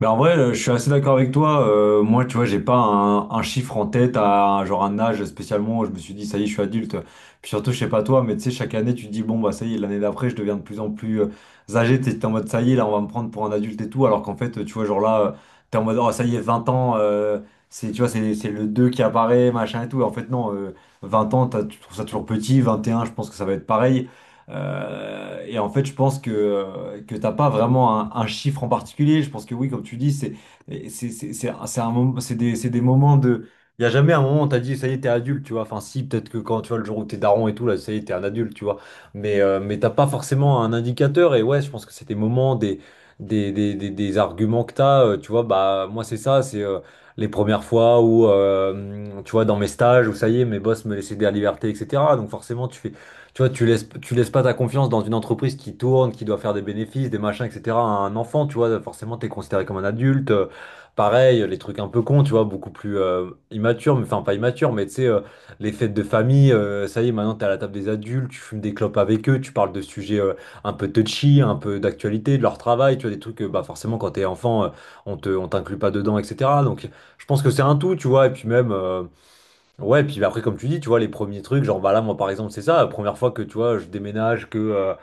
Mais en vrai, je suis assez d'accord avec toi. Moi, tu vois, j'ai pas un chiffre en tête, genre un âge spécialement où je me suis dit, ça y est, je suis adulte. Puis surtout, je sais pas toi, mais tu sais, chaque année, tu te dis, bon, bah ça y est, l'année d'après, je deviens de plus en plus âgé. T'es en mode, ça y est, là, on va me prendre pour un adulte et tout. Alors qu'en fait, tu vois, genre là, t'es en mode, oh, ça y est, 20 ans, c'est, tu vois, c'est le 2 qui apparaît, machin et tout. Et en fait, non, 20 ans, tu trouves ça toujours petit. 21, je pense que ça va être pareil. Et en fait, je pense que t'as pas vraiment un chiffre en particulier. Je pense que oui, comme tu dis, c'est des moments de. Il n'y a jamais un moment où t'as dit, ça y est, t'es adulte, tu vois. Enfin, si, peut-être que quand tu vois le jour où t'es daron et tout, là, ça y est, t'es un adulte, tu vois. Mais, t'as pas forcément un indicateur. Et ouais, je pense que c'est des moments, des arguments que t'as. Tu vois, bah, moi, c'est ça, c'est les premières fois où, tu vois, dans mes stages, où ça y est, mes boss me laissaient de la liberté, etc. Donc, forcément, tu fais. Tu vois, tu laisses pas ta confiance dans une entreprise qui tourne, qui doit faire des bénéfices, des machins, etc., à un enfant, tu vois, forcément, t'es considéré comme un adulte. Pareil, les trucs un peu cons, tu vois, beaucoup plus immatures, mais enfin pas immatures, mais tu sais, les fêtes de famille, ça y est, maintenant t'es à la table des adultes, tu fumes des clopes avec eux, tu parles de sujets un peu touchy, un peu d'actualité, de leur travail, tu vois, des trucs que, bah, forcément, quand t'es enfant, on t'inclut pas dedans, etc. Donc, je pense que c'est un tout, tu vois, et puis même. Ouais, puis après, comme tu dis, tu vois, les premiers trucs, genre, bah là, moi, par exemple, c'est ça, la première fois que, tu vois, je déménage, que, euh,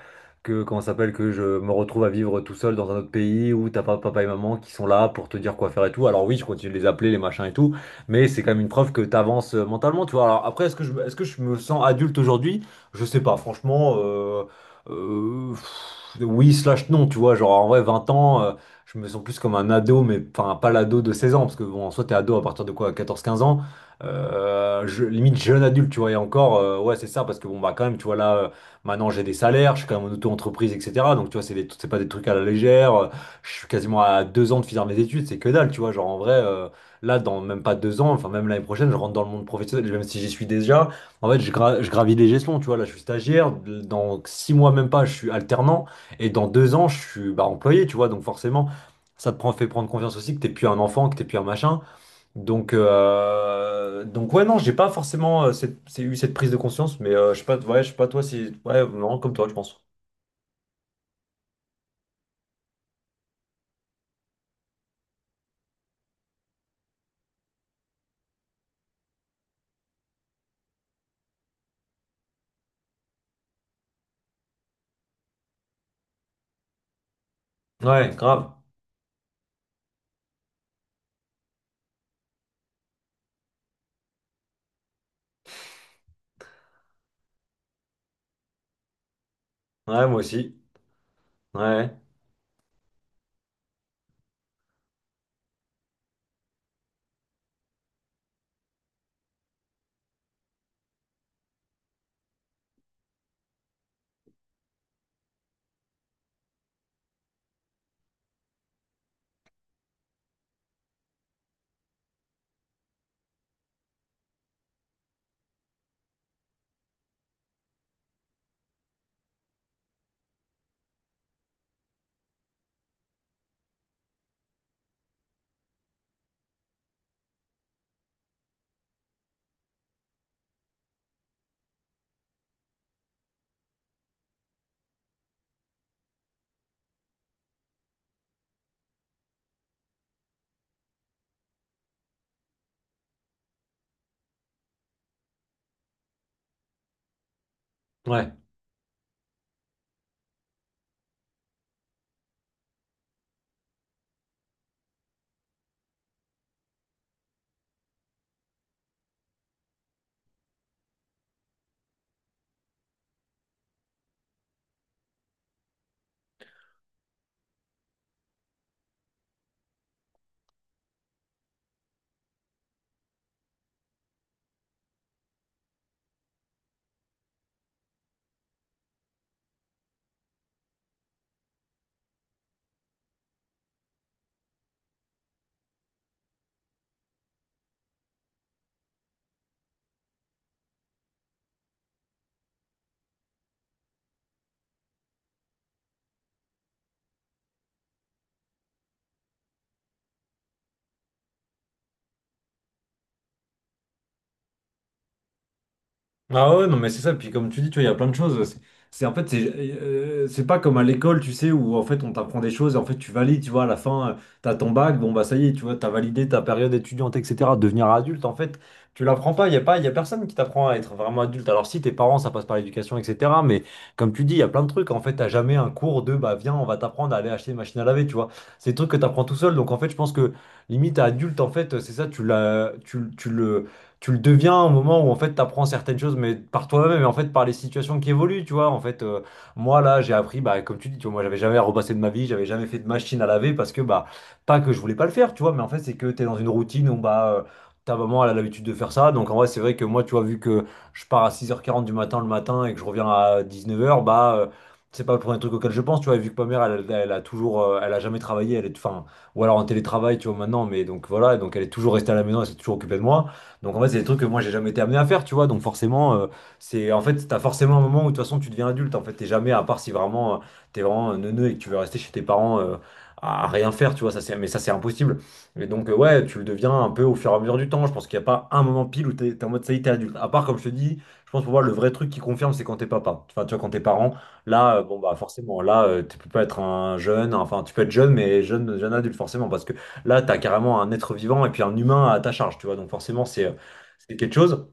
que, comment ça s'appelle, que je me retrouve à vivre tout seul dans un autre pays où t'as pas papa et maman qui sont là pour te dire quoi faire et tout. Alors oui, je continue de les appeler, les machins et tout, mais c'est quand même une preuve que t'avances mentalement, tu vois. Alors après, est-ce que je me sens adulte aujourd'hui? Je sais pas, franchement, oui, slash non, tu vois, genre, en vrai, 20 ans, je me sens plus comme un ado, mais enfin, pas l'ado de 16 ans, parce que bon, en soi, t'es ado à partir de quoi, 14 15 ans? Limite jeune adulte, tu vois, et encore, ouais, c'est ça, parce que bon, bah, quand même, tu vois, là, maintenant j'ai des salaires, je suis quand même en auto-entreprise, etc. Donc, tu vois, c'est pas des trucs à la légère. Je suis quasiment à 2 ans de finir mes études, c'est que dalle, tu vois. Genre, en vrai, là, dans même pas 2 ans, enfin, même l'année prochaine, je rentre dans le monde professionnel, même si j'y suis déjà. En fait, je gravis les échelons, tu vois. Là, je suis stagiaire, dans 6 mois, même pas, je suis alternant, et dans 2 ans, je suis bah, employé, tu vois, donc forcément. Ça te prend, fait prendre confiance aussi que t'es plus un enfant, que t'es plus un machin. Donc, ouais, non, j'ai pas forcément eu cette prise de conscience, mais je sais pas, ouais, je sais pas toi si, ouais, non, comme toi, je pense. Ouais, grave. Ouais, moi aussi. Ouais, ouais. Ah ouais, non, mais c'est ça. Puis comme tu dis, tu vois, il y a plein de choses. En fait, c'est pas comme à l'école, tu sais, où en fait on t'apprend des choses et en fait tu valides, tu vois, à la fin, t'as ton bac, bon bah ça y est, tu vois, t'as validé ta période étudiante, etc. Devenir adulte, en fait, tu l'apprends pas. Il y a personne qui t'apprend à être vraiment adulte. Alors si tes parents, ça passe par l'éducation, etc. Mais comme tu dis, il y a plein de trucs. En fait, t'as jamais un cours de bah viens, on va t'apprendre à aller acheter une machine à laver, tu vois. C'est des trucs que t'apprends tout seul. Donc en fait, je pense que limite à adulte, en fait, c'est ça, tu l'as, tu le deviens au moment où en fait tu apprends certaines choses mais par toi-même et en fait par les situations qui évoluent, tu vois. En fait, moi là j'ai appris, bah, comme tu dis, tu vois, moi j'avais jamais repassé de ma vie, j'avais jamais fait de machine à laver, parce que bah pas que je voulais pas le faire, tu vois, mais en fait c'est que tu es dans une routine où bah ta maman elle a l'habitude de faire ça. Donc en vrai c'est vrai que moi, tu vois, vu que je pars à 6h40 du matin le matin et que je reviens à 19h, bah c'est pas le premier truc auquel je pense, tu vois. Et vu que ma mère, elle, elle a toujours elle a jamais travaillé, elle est, enfin, ou alors en télétravail, tu vois, maintenant, mais donc voilà, donc elle est toujours restée à la maison, elle s'est toujours occupée de moi, donc en fait, c'est des trucs que moi j'ai jamais été amené à faire, tu vois. Donc forcément, c'est en fait, t'as forcément un moment où de toute façon tu deviens adulte. En fait, t'es jamais, à part si vraiment t'es vraiment un neuneu et que tu veux rester chez tes parents à rien faire, tu vois. Ça, c'est, mais ça, c'est impossible. Et donc, ouais, tu le deviens un peu au fur et à mesure du temps. Je pense qu'il n'y a pas un moment pile où t'es en mode ça y est, t'es adulte. À part, comme je te dis, je pense pour moi, le vrai truc qui confirme, c'est quand t'es papa. Enfin, tu vois, quand t'es parent, là, bon, bah, forcément, là, tu peux pas être un jeune. Enfin, tu peux être jeune, mais jeune, jeune adulte, forcément, parce que là, t'as carrément un être vivant et puis un humain à ta charge, tu vois. Donc, forcément, c'est quelque chose.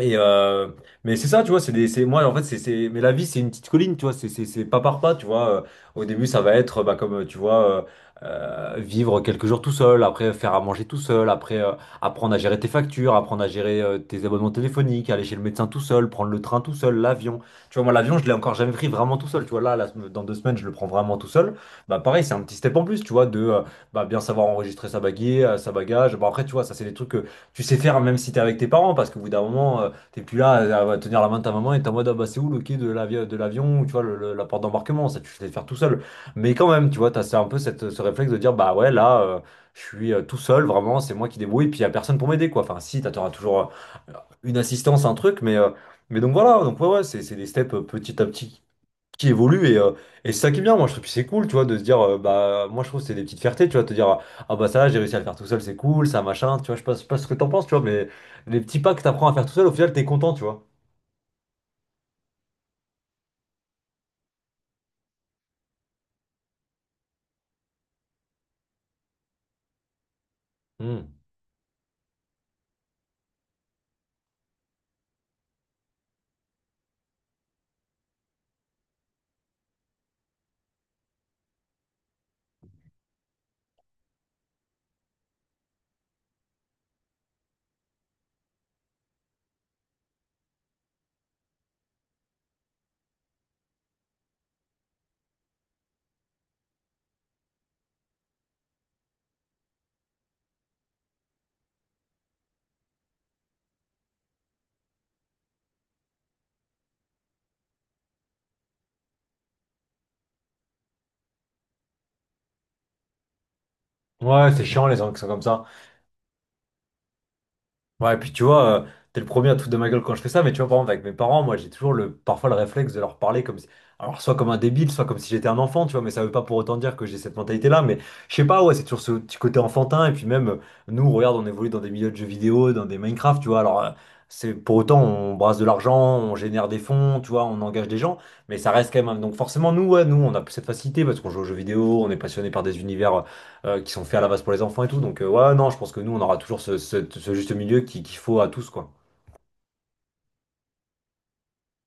Et mais c'est ça, tu vois, c'est moi en fait, mais la vie c'est une petite colline, tu vois, c'est pas par pas, tu vois. Au début, ça va être, bah, comme tu vois, vivre quelques jours tout seul, après faire à manger tout seul, après apprendre à gérer tes factures, apprendre à gérer tes abonnements téléphoniques, aller chez le médecin tout seul, prendre le train tout seul, l'avion. Tu vois, moi l'avion, je l'ai encore jamais pris vraiment tout seul, tu vois. Là, dans 2 semaines, je le prends vraiment tout seul. Bah pareil, c'est un petit step en plus, tu vois, de bah, bien savoir enregistrer sa baguette, sa bagage. Bon après, tu vois, ça c'est des trucs tu sais faire même si t'es avec tes parents, parce qu'au bout d'un moment, t'es plus là à tenir la main de ta maman et t'es en mode ah bah c'est où le quai de l'avion, ou tu vois, la porte d'embarquement, ça tu sais faire tout seul. Mais quand même, tu vois, t'as c'est un peu cette, ce réflexe de dire bah ouais, là, je suis tout seul, vraiment, c'est moi qui débrouille, puis y a personne pour m'aider, quoi. Enfin, si, t'auras toujours une assistance, un truc, mais donc voilà, donc ouais, ouais, c'est des steps petit à petit qui évolue et c'est ça qui est bien. Moi je trouve que c'est cool, tu vois, de se dire, bah moi je trouve que c'est des petites fiertés, tu vois, te dire, ah bah ça là j'ai réussi à le faire tout seul, c'est cool ça, machin, tu vois. Je sais pas ce que t'en penses, tu vois, mais les petits pas que t'apprends à faire tout seul, au final t'es content, tu vois. Hmm. Ouais, c'est chiant les gens qui sont comme ça. Ouais, puis tu vois, t'es le premier à te foutre de ma gueule quand je fais ça, mais tu vois, par exemple, avec mes parents, moi, j'ai toujours le, parfois le réflexe de leur parler comme si, alors, soit comme un débile, soit comme si j'étais un enfant, tu vois, mais ça veut pas pour autant dire que j'ai cette mentalité-là, mais je sais pas, ouais, c'est toujours ce petit côté enfantin, et puis même, nous, regarde, on évolue dans des milieux de jeux vidéo, dans des Minecraft, tu vois, alors, c'est pour autant, on brasse de l'argent, on génère des fonds, tu vois, on engage des gens, mais ça reste quand même, donc forcément, nous, ouais, nous, on a plus cette facilité parce qu'on joue aux jeux vidéo, on est passionné par des univers qui sont faits à la base pour les enfants et tout. Donc, ouais, non, je pense que nous, on aura toujours ce juste milieu qu'il faut à tous, quoi.